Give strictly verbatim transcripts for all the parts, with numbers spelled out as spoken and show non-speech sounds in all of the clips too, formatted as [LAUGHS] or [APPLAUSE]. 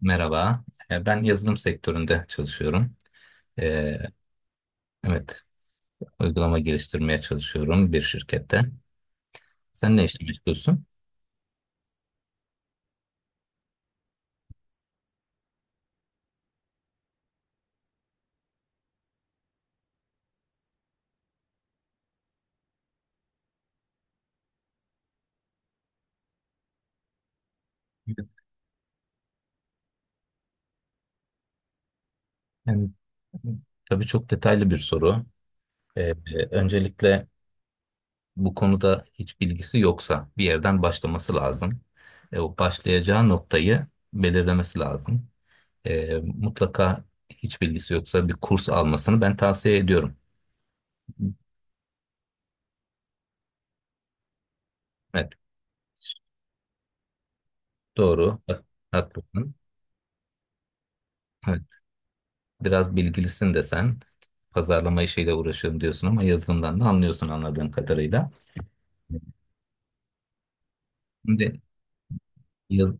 Merhaba. Ee, Ben yazılım sektöründe çalışıyorum. Ee, evet, uygulama geliştirmeye çalışıyorum bir şirkette. Sen ne işle meşgulsün? Evet. Yani, tabii çok detaylı bir soru. Ee, öncelikle bu konuda hiç bilgisi yoksa bir yerden başlaması lazım. Ee, o başlayacağı noktayı belirlemesi lazım. Ee, mutlaka hiç bilgisi yoksa bir kurs almasını ben tavsiye ediyorum. Evet, doğru. Haklısın. Evet. Biraz bilgilisin desen pazarlama işiyle uğraşıyorum diyorsun ama yazılımdan da anlıyorsun anladığım kadarıyla. Şimdi yaz,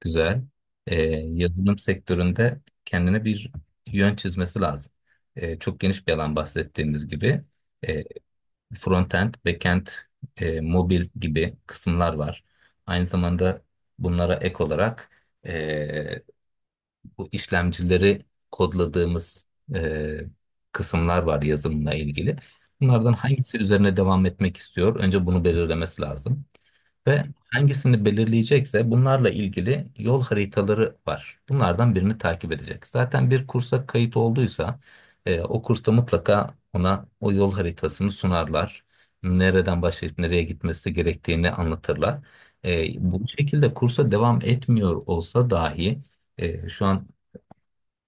güzel. Ee, Yazılım sektöründe kendine bir yön çizmesi lazım. Ee, çok geniş bir alan bahsettiğimiz gibi. Ee, Frontend, backend, e, mobil gibi kısımlar var. Aynı zamanda bunlara ek olarak e, bu işlemcileri kodladığımız e, kısımlar var yazılımla ilgili. Bunlardan hangisi üzerine devam etmek istiyor? Önce bunu belirlemesi lazım. Ve hangisini belirleyecekse bunlarla ilgili yol haritaları var. Bunlardan birini takip edecek. Zaten bir kursa kayıt olduysa e, o kursta mutlaka ona o yol haritasını sunarlar. Nereden başlayıp nereye gitmesi gerektiğini anlatırlar. E, bu şekilde kursa devam etmiyor olsa dahi e, şu an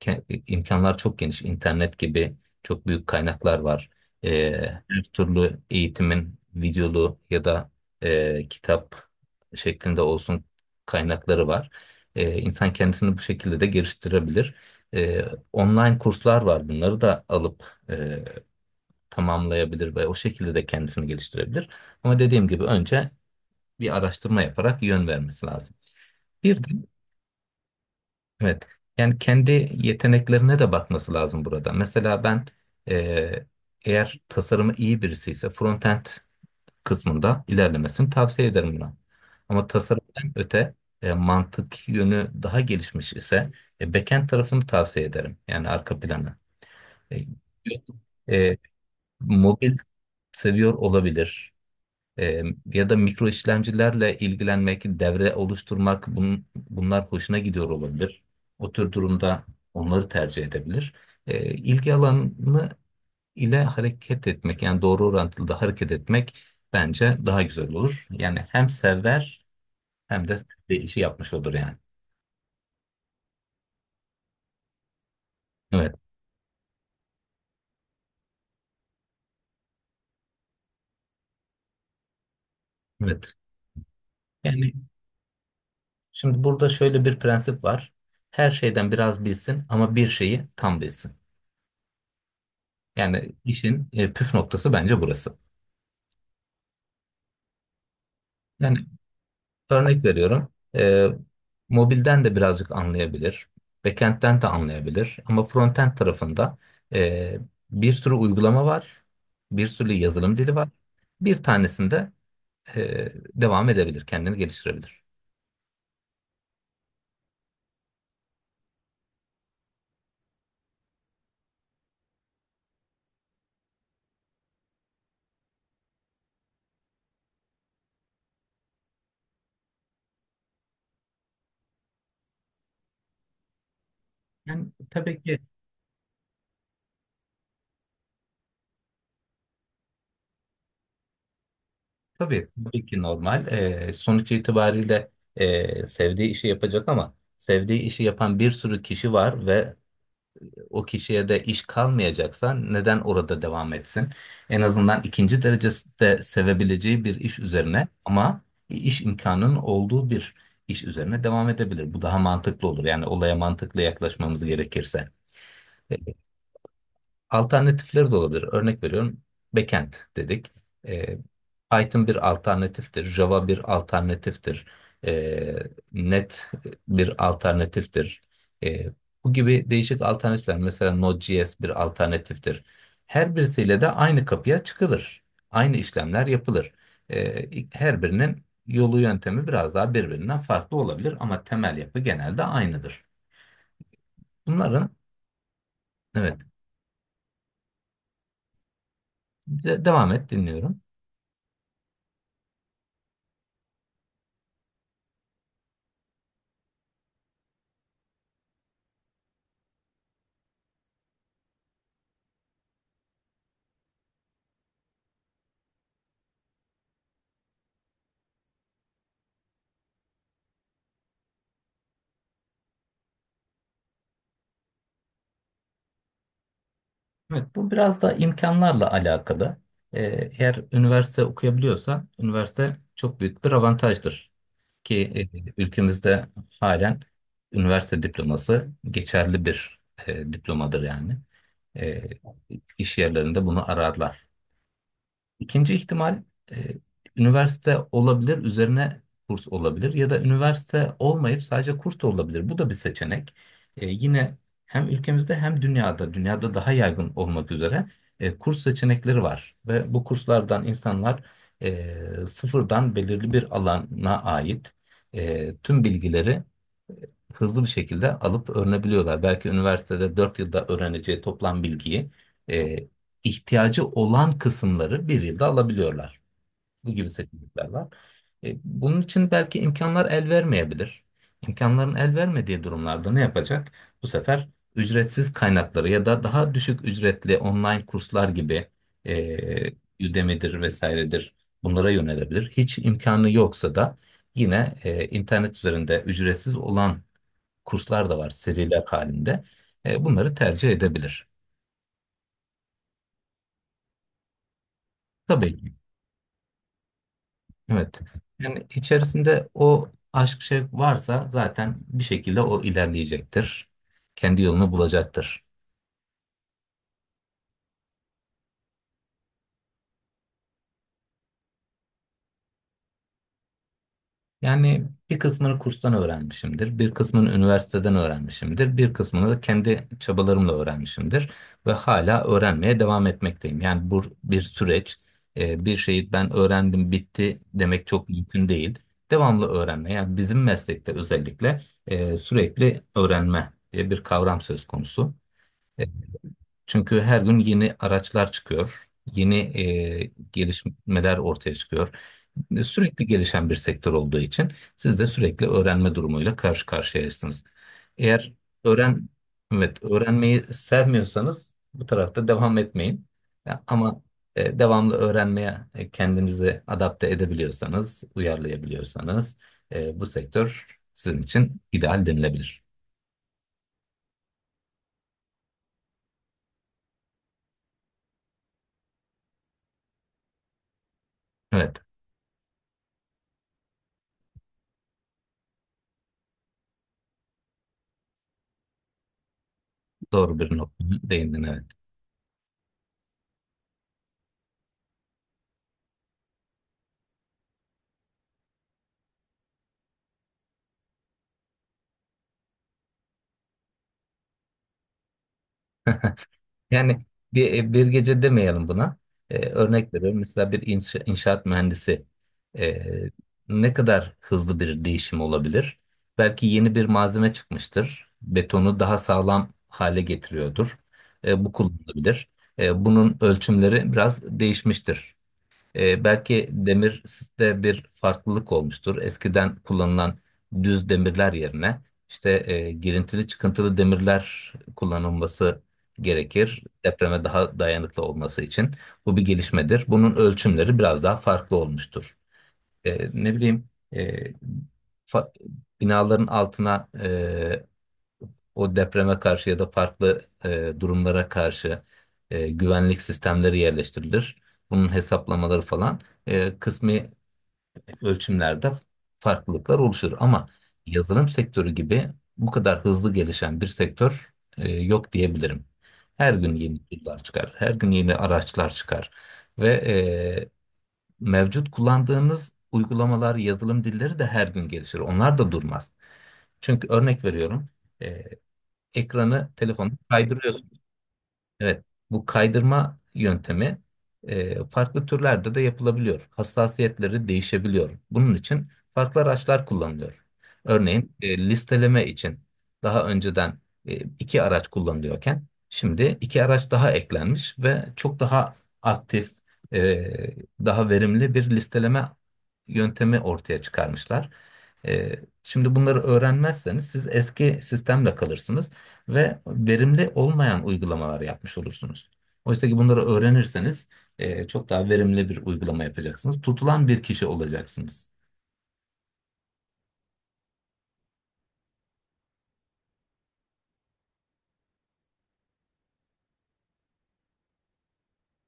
Ke- imkanlar çok geniş. İnternet gibi çok büyük kaynaklar var. Ee, Her türlü eğitimin videolu ya da e, kitap şeklinde olsun kaynakları var. Ee, insan kendisini bu şekilde de geliştirebilir. Ee, Online kurslar var. Bunları da alıp e, tamamlayabilir ve o şekilde de kendisini geliştirebilir. Ama dediğim gibi önce bir araştırma yaparak yön vermesi lazım. Bir de evet. Yani kendi yeteneklerine de bakması lazım burada. Mesela ben eee, eğer tasarımı iyi birisi ise frontend kısmında ilerlemesini tavsiye ederim buna. Ama tasarımdan öte e, mantık yönü daha gelişmiş ise e, backend tarafını tavsiye ederim. Yani arka planı. E, e, Mobil seviyor olabilir. Ee, Ya da mikro işlemcilerle ilgilenmek, devre oluşturmak bun- bunlar hoşuna gidiyor olabilir. O tür durumda onları tercih edebilir. Ee, ilgi alanı ile hareket etmek yani doğru orantılı da hareket etmek bence daha güzel olur. Yani hem sever hem de sevdiği işi yapmış olur yani. Evet, evet. Yani şimdi burada şöyle bir prensip var. Her şeyden biraz bilsin ama bir şeyi tam bilsin. Yani işin e, püf noktası bence burası. Yani örnek veriyorum. Ee, mobilden de birazcık anlayabilir. Backend'den de anlayabilir. Ama frontend tarafında ee, bir sürü uygulama var. Bir sürü yazılım dili var. Bir tanesinde ee, devam edebilir. Kendini geliştirebilir. Yani tabii ki tabii, tabii ki normal. Ee, sonuç itibariyle ee, sevdiği işi yapacak ama sevdiği işi yapan bir sürü kişi var ve o kişiye de iş kalmayacaksa neden orada devam etsin? En azından ikinci derecede sevebileceği bir iş üzerine ama iş imkanının olduğu bir iş üzerine devam edebilir. Bu daha mantıklı olur. Yani olaya mantıklı yaklaşmamız gerekirse. Alternatifleri de olabilir. Örnek veriyorum. Backend dedik. Ee, Python bir alternatiftir. Java bir alternatiftir. Ee, Net bir alternatiftir. Ee, Bu gibi değişik alternatifler. Mesela Node.js bir alternatiftir. Her birisiyle de aynı kapıya çıkılır. Aynı işlemler yapılır. Ee, Her birinin yolu yöntemi biraz daha birbirinden farklı olabilir ama temel yapı genelde aynıdır. Bunların evet, de- devam et, dinliyorum. Evet, bu biraz da imkanlarla alakalı. Ee, Eğer üniversite okuyabiliyorsa üniversite çok büyük bir avantajdır. Ki e, ülkemizde halen üniversite diploması geçerli bir e, diplomadır yani. E, iş yerlerinde bunu ararlar. İkinci ihtimal e, üniversite olabilir, üzerine kurs olabilir ya da üniversite olmayıp sadece kurs da olabilir. Bu da bir seçenek. E, yine hem ülkemizde hem dünyada, dünyada daha yaygın olmak üzere e, kurs seçenekleri var ve bu kurslardan insanlar e, sıfırdan belirli bir alana ait e, tüm bilgileri e, hızlı bir şekilde alıp öğrenebiliyorlar. Belki üniversitede dört yılda öğreneceği toplam bilgiyi e, ihtiyacı olan kısımları bir yılda alabiliyorlar. Bu gibi seçenekler var. E, bunun için belki imkanlar el vermeyebilir. İmkanların el vermediği durumlarda ne yapacak? Bu sefer ücretsiz kaynakları ya da daha düşük ücretli online kurslar gibi e, Udemy'dir vesairedir, bunlara yönelebilir. Hiç imkanı yoksa da yine e, internet üzerinde ücretsiz olan kurslar da var seriler halinde. E, bunları tercih edebilir. Tabii. Evet. Yani içerisinde o aşk şevk varsa zaten bir şekilde o ilerleyecektir. Kendi yolunu bulacaktır. Yani bir kısmını kurstan öğrenmişimdir, bir kısmını üniversiteden öğrenmişimdir, bir kısmını da kendi çabalarımla öğrenmişimdir ve hala öğrenmeye devam etmekteyim. Yani bu bir süreç. Ee, bir şeyi ben öğrendim, bitti demek çok mümkün değil. Devamlı öğrenme, yani bizim meslekte özellikle e, sürekli öğrenme diye bir kavram söz konusu. Çünkü her gün yeni araçlar çıkıyor, yeni e, gelişmeler ortaya çıkıyor. Sürekli gelişen bir sektör olduğu için siz de sürekli öğrenme durumuyla karşı karşıyayısınız. Eğer öğren, evet, öğrenmeyi sevmiyorsanız bu tarafta devam etmeyin. Ya, ama e, devamlı öğrenmeye e, kendinizi adapte edebiliyorsanız, uyarlayabiliyorsanız e, bu sektör sizin için ideal denilebilir. Evet, doğru bir noktaya değindin, evet. [LAUGHS] Yani bir, e, bir gece demeyelim buna. Ee, örnek veriyorum. Mesela bir inşa- inşaat mühendisi ee, ne kadar hızlı bir değişim olabilir? Belki yeni bir malzeme çıkmıştır. Betonu daha sağlam hale getiriyordur. Ee, bu kullanılabilir. Ee, bunun ölçümleri biraz değişmiştir. E, belki demir de bir farklılık olmuştur. Eskiden kullanılan düz demirler yerine işte e, girintili çıkıntılı demirler kullanılması gerekir. Depreme daha dayanıklı olması için. Bu bir gelişmedir. Bunun ölçümleri biraz daha farklı olmuştur. E, ne bileyim e, fa- binaların altına e, o depreme karşı ya da farklı e, durumlara karşı e, güvenlik sistemleri yerleştirilir. Bunun hesaplamaları falan e, kısmi ölçümlerde farklılıklar oluşur. Ama yazılım sektörü gibi bu kadar hızlı gelişen bir sektör e, yok diyebilirim. Her gün yeni tool'lar çıkar, her gün yeni araçlar çıkar ve e, mevcut kullandığımız uygulamalar, yazılım dilleri de her gün gelişir. Onlar da durmaz. Çünkü örnek veriyorum. e, Ekranı telefonu kaydırıyorsunuz. Evet, bu kaydırma yöntemi e, farklı türlerde de yapılabiliyor. Hassasiyetleri değişebiliyor. Bunun için farklı araçlar kullanılıyor. Örneğin e, listeleme için daha önceden e, iki araç kullanılıyorken şimdi iki araç daha eklenmiş ve çok daha aktif, e, daha verimli bir listeleme yöntemi ortaya çıkarmışlar. E, Şimdi bunları öğrenmezseniz siz eski sistemle kalırsınız ve verimli olmayan uygulamalar yapmış olursunuz. Oysa ki bunları öğrenirseniz e, çok daha verimli bir uygulama yapacaksınız. Tutulan bir kişi olacaksınız.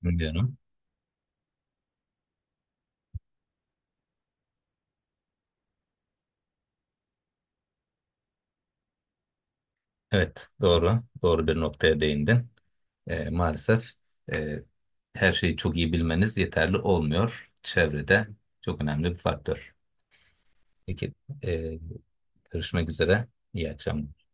Biliyorum. Evet, doğru. Doğru bir noktaya değindin. E, maalesef e, her şeyi çok iyi bilmeniz yeterli olmuyor. Çevrede çok önemli bir faktör. Peki, e, görüşmek üzere. İyi akşamlar.